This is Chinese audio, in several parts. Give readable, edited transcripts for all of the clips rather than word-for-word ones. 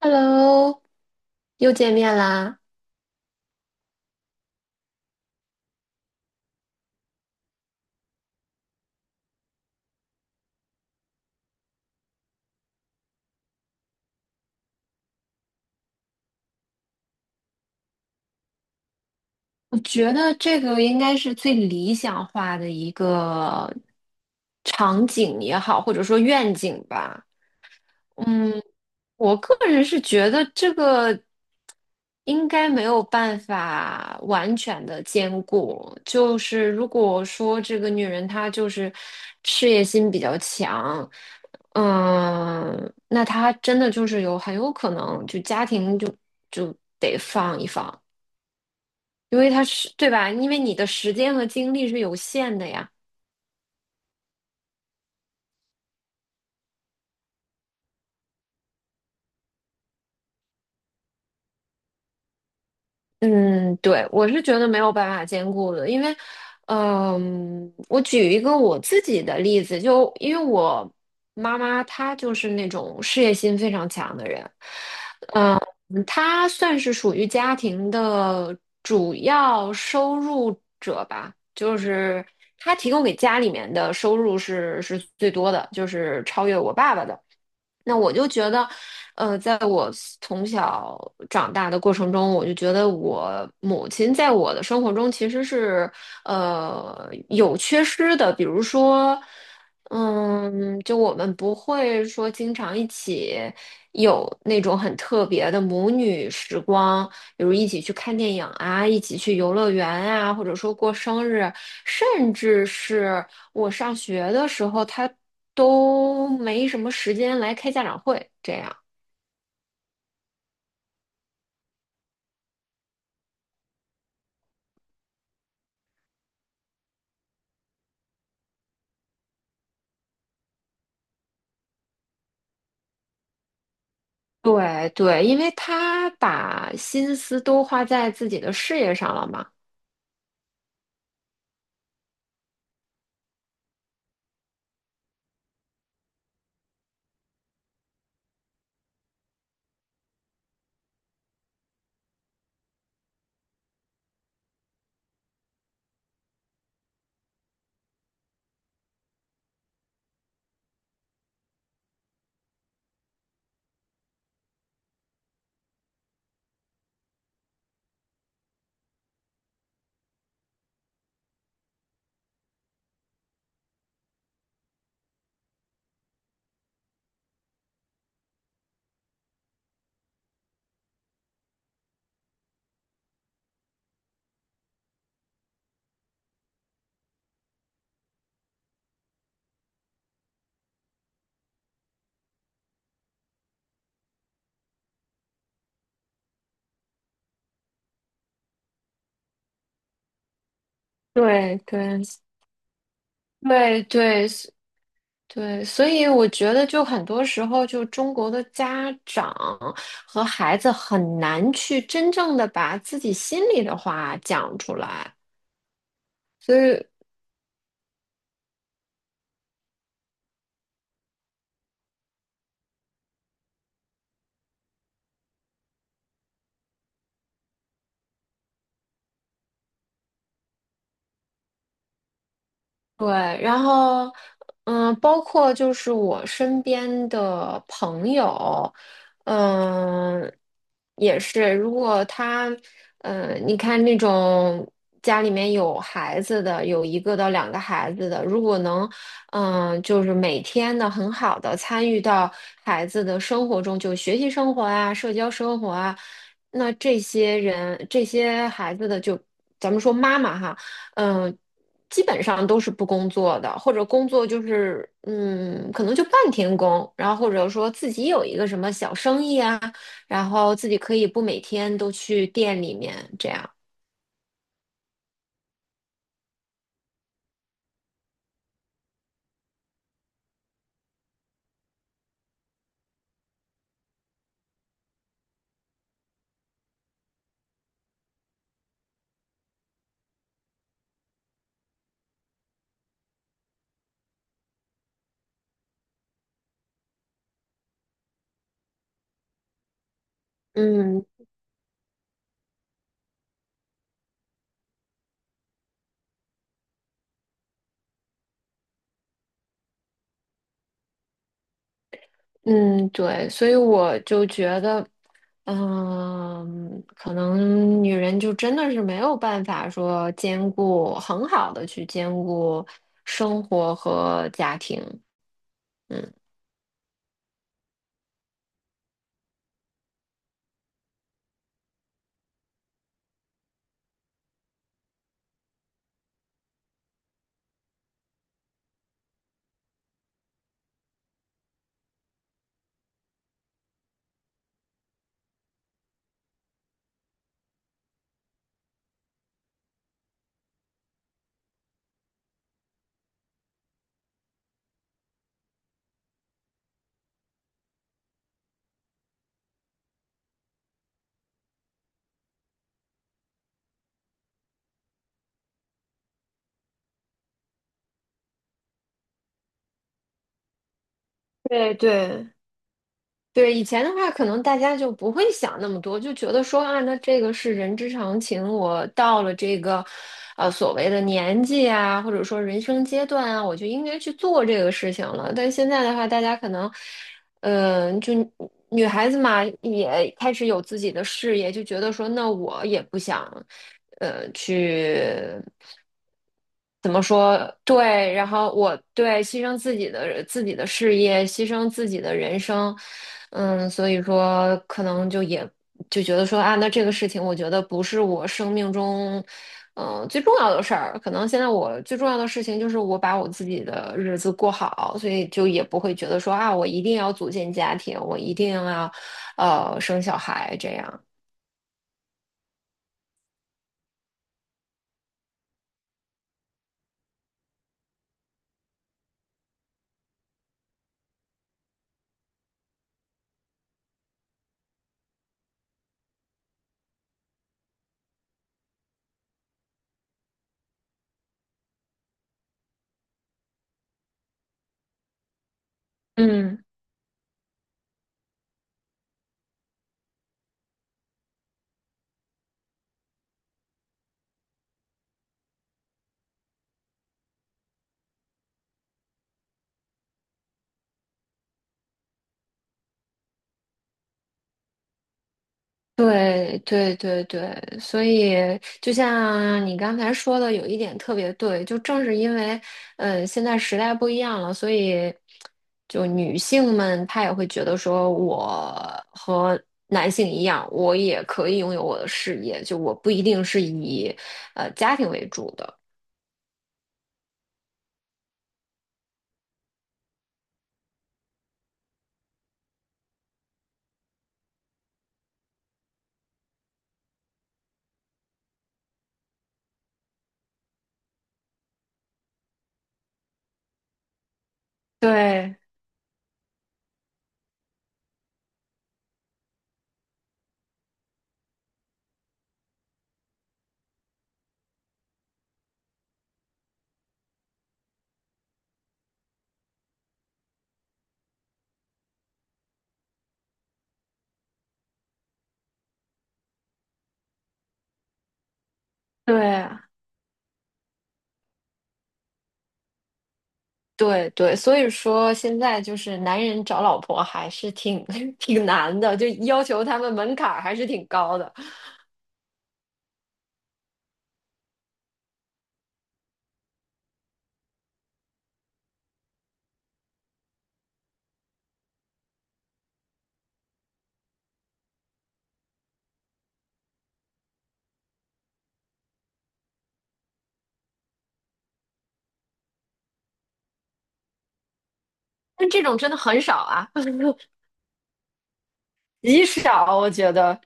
Hello，又见面啦！我觉得这个应该是最理想化的一个场景也好，或者说愿景吧。嗯，我个人是觉得这个应该没有办法完全的兼顾。就是如果说这个女人她就是事业心比较强，那她真的就是有很有可能就家庭就得放一放，因为她是，对吧？因为你的时间和精力是有限的呀。嗯，对，我是觉得没有办法兼顾的，因为，我举一个我自己的例子，就因为我妈妈她就是那种事业心非常强的人，嗯，她算是属于家庭的主要收入者吧，就是她提供给家里面的收入是最多的，就是超越我爸爸的。那我就觉得，在我从小长大的过程中，我就觉得我母亲在我的生活中其实是，有缺失的。比如说，就我们不会说经常一起有那种很特别的母女时光，比如一起去看电影啊，一起去游乐园啊，或者说过生日，甚至是。我上学的时候，他都没什么时间来开家长会，这样。对对，因为他把心思都花在自己的事业上了嘛。对对对对对，所以我觉得就很多时候，就中国的家长和孩子很难去真正的把自己心里的话讲出来。所以。对，然后，包括就是我身边的朋友，嗯，也是，如果他，你看那种家里面有孩子的，有一个到两个孩子的，如果能，就是每天的很好的参与到孩子的生活中，就学习生活啊，社交生活啊，那这些人，这些孩子的就，咱们说妈妈哈。嗯，基本上都是不工作的，或者工作就是可能就半天工，然后或者说自己有一个什么小生意啊，然后自己可以不每天都去店里面这样。嗯嗯，对，所以我就觉得，可能女人就真的是没有办法说兼顾很好的去兼顾生活和家庭。嗯。对对，对，以前的话，可能大家就不会想那么多，就觉得说啊，那这个是人之常情。我到了这个，所谓的年纪啊，或者说人生阶段啊，我就应该去做这个事情了。但现在的话，大家可能，嗯、就女孩子嘛，也开始有自己的事业，就觉得说，那我也不想，去。对，然后我对牺牲自己的事业，牺牲自己的人生，嗯，所以说可能就觉得说啊，那这个事情我觉得不是我生命中，最重要的事儿。可能现在我最重要的事情就是我把我自己的日子过好，所以就也不会觉得说啊，我一定要组建家庭，我一定要生小孩这样。嗯。对对对对，所以就像你刚才说的，有一点特别对，就正是因为，现在时代不一样了，所以就女性们她也会觉得说，我和男性一样，我也可以拥有我的事业，就我不一定是以家庭为主的。对对啊对对，所以说现在就是男人找老婆还是挺 挺难的，就要求他们门槛儿还是挺高的。但这种真的很少啊。极少，我觉得。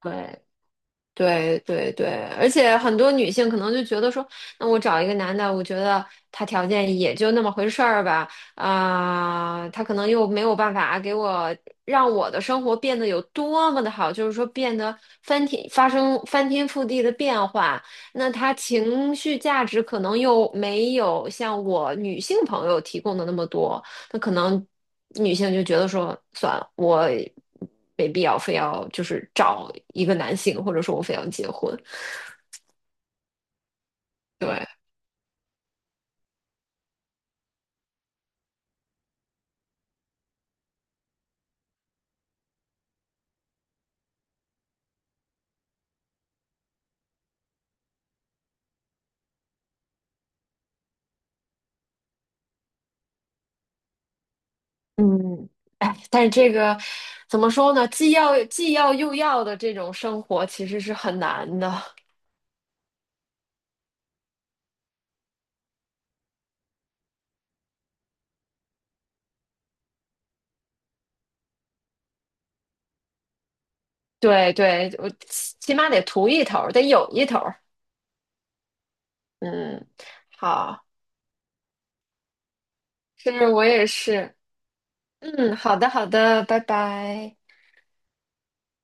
对对对对，而且很多女性可能就觉得说，那我找一个男的，我觉得他条件也就那么回事儿吧，他可能又没有办法给我让我的生活变得有多么的好，就是说变得翻天覆地的变化，那他情绪价值可能又没有像我女性朋友提供的那么多。那可能女性就觉得说，算了，我没必要非要就是找一个男性，或者说我非要结婚。对，嗯，哎，但是这个怎么说呢？既要又要的这种生活其实是很难的。对对，我起码得图一头儿得有一头儿嗯，好，是我也是。嗯，好的好的，拜拜。